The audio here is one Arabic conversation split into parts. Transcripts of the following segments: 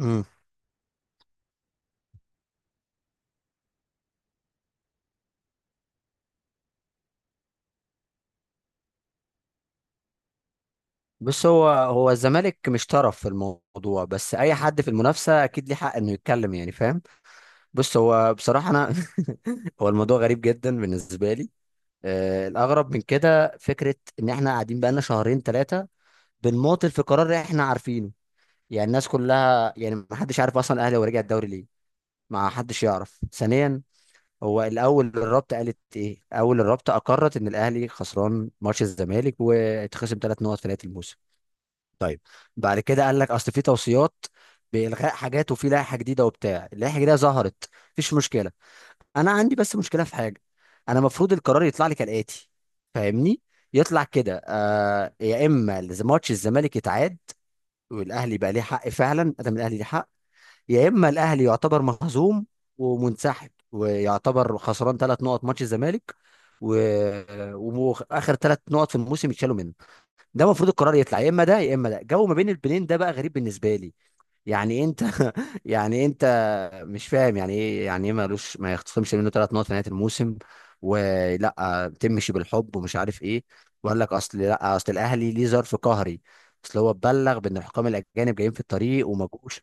امم بص هو الزمالك مش طرف في الموضوع، بس اي حد في المنافسه اكيد ليه حق انه يتكلم، يعني فاهم. بص هو بصراحه انا هو الموضوع غريب جدا بالنسبه لي. الاغرب من كده فكره ان احنا قاعدين بقالنا شهرين ثلاثه بنماطل في قرار احنا عارفينه. يعني الناس كلها، يعني ما حدش عارف اصلا الاهلي هو رجع الدوري ليه. ما حدش يعرف. ثانيا، هو الاول الرابطه قالت ايه؟ اول الرابطه اقرت ان الاهلي خسران ماتش الزمالك واتخصم ثلاث نقط في نهايه الموسم. طيب، بعد كده قال لك اصل في توصيات بإلغاء حاجات، وفي لائحة جديدة وبتاع. اللائحة الجديدة ظهرت، مفيش مشكلة. انا عندي بس مشكلة في حاجة. انا المفروض القرار يطلع لي كالآتي، فاهمني؟ يطلع كده، آه، يا اما ماتش الزمالك يتعاد، والاهلي بقى ليه حق فعلا، ادم الاهلي ليه حق. يا اما الاهلي يعتبر مهزوم ومنسحب ويعتبر خسران ثلاث نقط ماتش الزمالك، و... واخر ثلاث نقط في الموسم يتشالوا منه. ده المفروض القرار يطلع، يا اما ده يا اما ده. جو ما بين البنين ده بقى غريب بالنسبه لي. يعني انت يعني انت مش فاهم يعني ايه، ملوش ما يخصمش منه ثلاث نقط في نهايه الموسم، ولا تمشي بالحب ومش عارف ايه. وقال لك اصل لا، اصل الاهلي ليه ظرف قهري، اصل هو اتبلغ بان الحكام الاجانب جايين في الطريق وما جوش.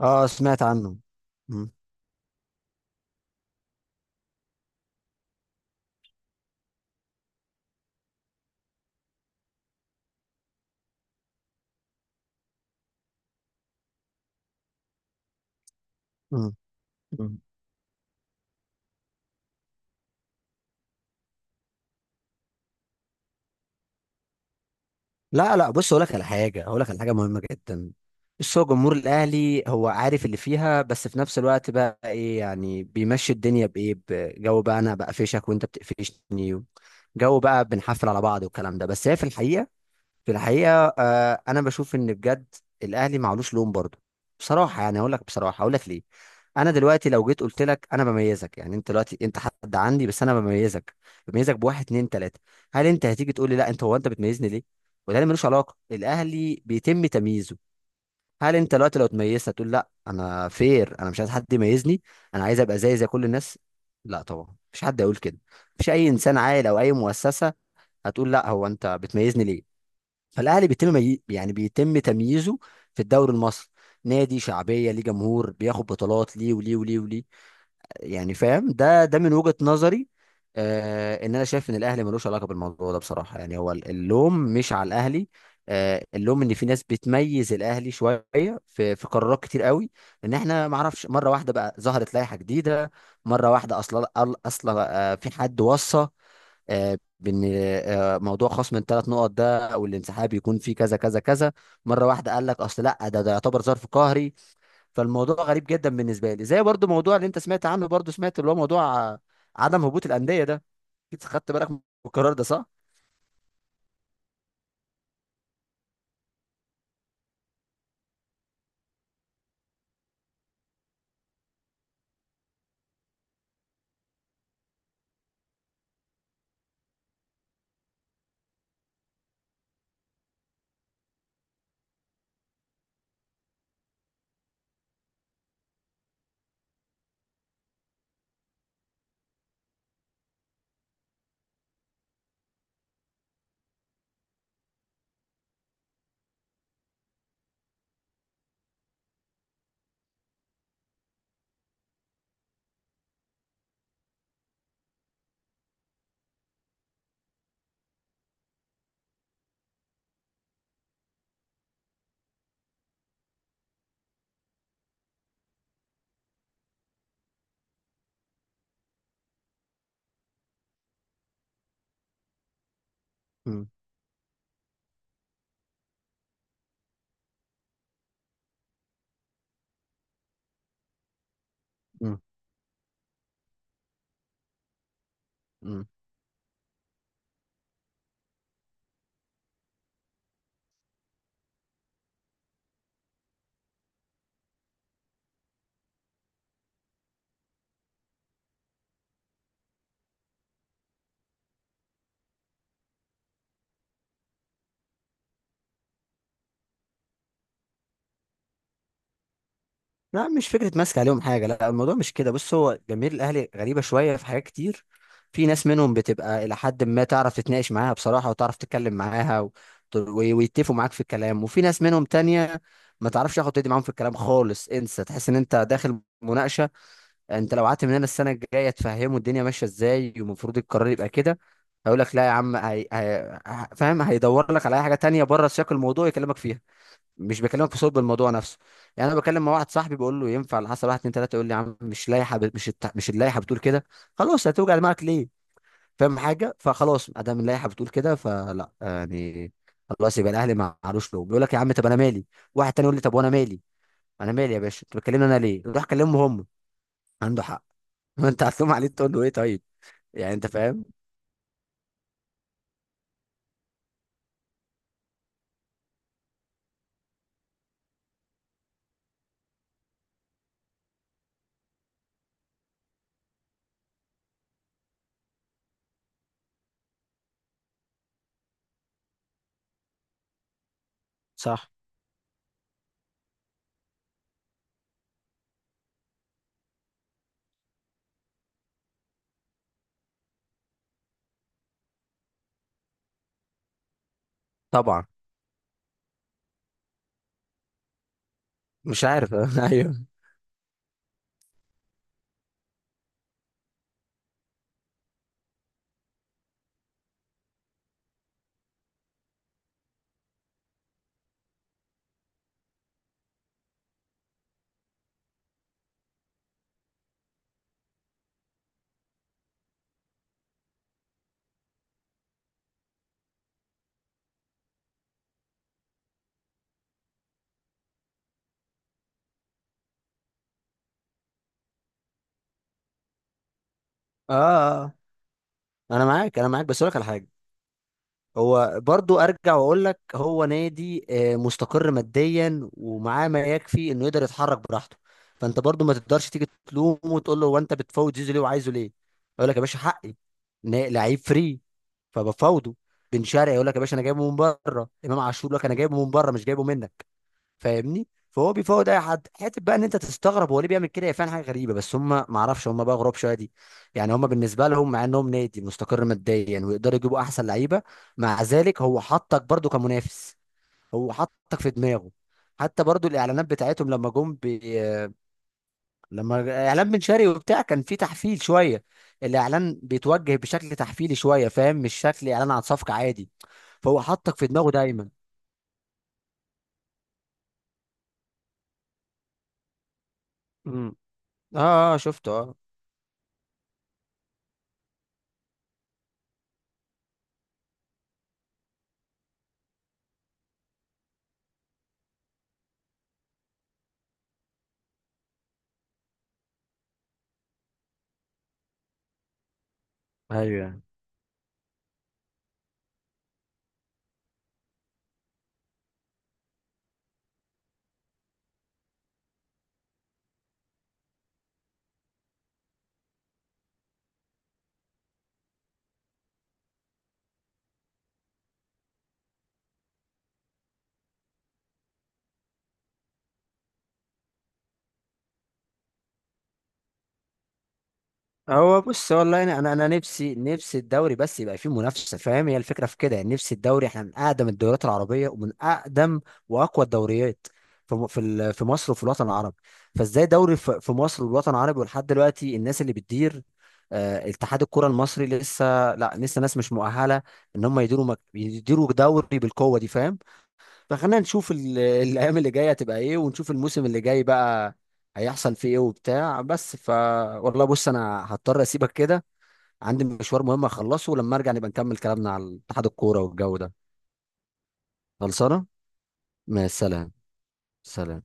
اه، سمعت عنه. مم. مم. لا لا، بص، اقول لك على حاجه مهمه جدا. بص، هو جمهور الاهلي هو عارف اللي فيها، بس في نفس الوقت بقى ايه، يعني بيمشي الدنيا بايه؟ بجو بقى، انا بقفشك وانت بتقفشني، جو بقى، بنحفل على بعض، والكلام ده. بس هي في الحقيقه، في الحقيقة، أنا بشوف إن بجد الأهلي معلوش لوم برضه. بصراحة يعني، أقول لك بصراحة، أقول لك ليه. أنا دلوقتي لو جيت قلت لك أنا بميزك، يعني أنت دلوقتي أنت حد عندي، بس أنا بميزك، بواحد اتنين تلاتة. هل أنت هتيجي تقول لي: لا، أنت بتميزني ليه؟ والأهلي ملوش علاقة، الأهلي بيتم تمييزه. هل أنت دلوقتي لو اتميزت هتقول: لا، أنا فير، أنا مش عايز حد يميزني، أنا عايز أبقى زي كل الناس؟ لا طبعا، مفيش حد هيقول كده. مفيش أي إنسان عاقل أو أي مؤسسة هتقول: لا، هو أنت بتميزني ليه؟ فالاهلي بيتم يعني بيتم تمييزه في الدوري المصري. نادي شعبيه، ليه جمهور، بياخد بطولات، ليه وليه وليه وليه؟ يعني فاهم. ده من وجهه نظري. آه ان انا شايف ان الاهلي ملوش علاقه بالموضوع ده بصراحه. يعني هو اللوم مش على الاهلي، آه، اللوم ان في ناس بتميز الاهلي شويه، في قرارات كتير قوي. ان احنا ما اعرفش، مره واحده بقى ظهرت لائحه جديده، مره واحده اصلا، اصلا، في حد وصى، بان، موضوع خصم الثلاث نقط ده او الانسحاب يكون فيه كذا كذا كذا. مره واحده قال لك اصل لا، ده يعتبر ظرف قهري. فالموضوع غريب جدا بالنسبه لي، زي برضو موضوع اللي انت سمعت عنه، برضو سمعت، اللي هو موضوع، آه، عدم هبوط الانديه ده. اكيد خدت بالك من القرار ده، صح؟ مم. مم. مم. لا، مش فكرة ماسك عليهم حاجة، لا الموضوع مش كده. بص، هو جماهير الأهلي غريبة شوية في حاجات كتير. في ناس منهم بتبقى إلى حد ما تعرف تتناقش معاها بصراحة، وتعرف تتكلم معاها ويتفقوا معاك في الكلام. وفي ناس منهم تانية ما تعرفش ياخد تدي معاهم في الكلام خالص، انسى. تحس ان انت داخل مناقشة، انت لو قعدت من هنا السنة الجاية تفهمه الدنيا ماشية ازاي والمفروض القرار يبقى كده، هيقول لك لا يا عم، فاهم؟ هيدور لك على اي حاجة تانية بره سياق الموضوع يكلمك فيها، مش بكلمك في صلب الموضوع نفسه. يعني انا بكلم مع واحد صاحبي بقول له: ينفع على حسب واحد اتنين تلاته؟ يقول لي: يا عم، مش لائحه مش اللائحه بتقول كده؟ خلاص، هتوجع دماغك ليه؟ فاهم حاجه؟ فخلاص، ما دام اللائحه بتقول كده، فلا يعني، خلاص، يبقى الاهلي ما علوش له. بيقول لك: يا عم، طب انا مالي؟ واحد تاني يقول لي: طب وانا مالي؟ انا مالي يا باشا، انت بتكلمني انا ليه؟ روح كلمهم هم. عنده حق. ما انت هتلوم عليه، تقول له ايه؟ طيب، يعني انت فاهم. صح، طبعا. مش عارف. ايوه. اه. انا معاك، انا معاك، بس اقول لك على حاجه. هو برضو ارجع واقول لك، هو نادي، مستقر ماديا، ومعاه ما يكفي انه يقدر يتحرك براحته. فانت برضو ما تقدرش تيجي تلومه وتقول له: هو انت بتفوت زيزو ليه، وعايزه ليه؟ يقول لك: يا باشا، حقي، لعيب فري، فبفاوضه. بن شرقي يقول لك: يا باشا، انا جايبه من بره. امام عاشور يقول لك: انا جايبه من بره، مش جايبه منك. فاهمني؟ فهو بيفاوض اي حد. حته بقى ان انت تستغرب هو ليه بيعمل كده، هي فعلا حاجه غريبه. بس هم ما اعرفش، هم بقى غراب شويه دي. يعني هم بالنسبه لهم، مع انهم نادي مستقر ماديا، يعني ويقدروا يجيبوا احسن لعيبه، مع ذلك هو حطك برضو كمنافس، هو حطك في دماغه. حتى برضو الاعلانات بتاعتهم لما جم لما اعلان بن شرقي وبتاع كان في تحفيل شويه. الاعلان بيتوجه بشكل تحفيلي شويه، فاهم؟ مش شكل اعلان عن صفقه عادي. فهو حطك في دماغه دايما. امم. اه اه، شفته، اه. ايوه. هو بص، والله، انا انا أنا نفسي، الدوري بس يبقى فيه منافسه، فاهم؟ هي الفكره في كده. يعني نفسي الدوري، احنا من اقدم الدوريات العربيه ومن اقدم واقوى الدوريات في في مصر وفي الوطن العربي. فازاي دوري في مصر والوطن العربي، ولحد دلوقتي الناس اللي بتدير، اتحاد الكره المصري، لا لسه ناس مش مؤهله ان هم يديروا يديروا دوري بالقوه دي، فاهم؟ فخلينا نشوف الايام اللي جايه هتبقى ايه، ونشوف الموسم اللي جاي بقى هيحصل فيه ايه وبتاع. بس ف، والله بص، انا هضطر اسيبك كده، عندي مشوار مهم اخلصه. ولما ارجع نبقى نكمل كلامنا على اتحاد الكوره والجو ده. خلصانه. مع السلامه. سلام.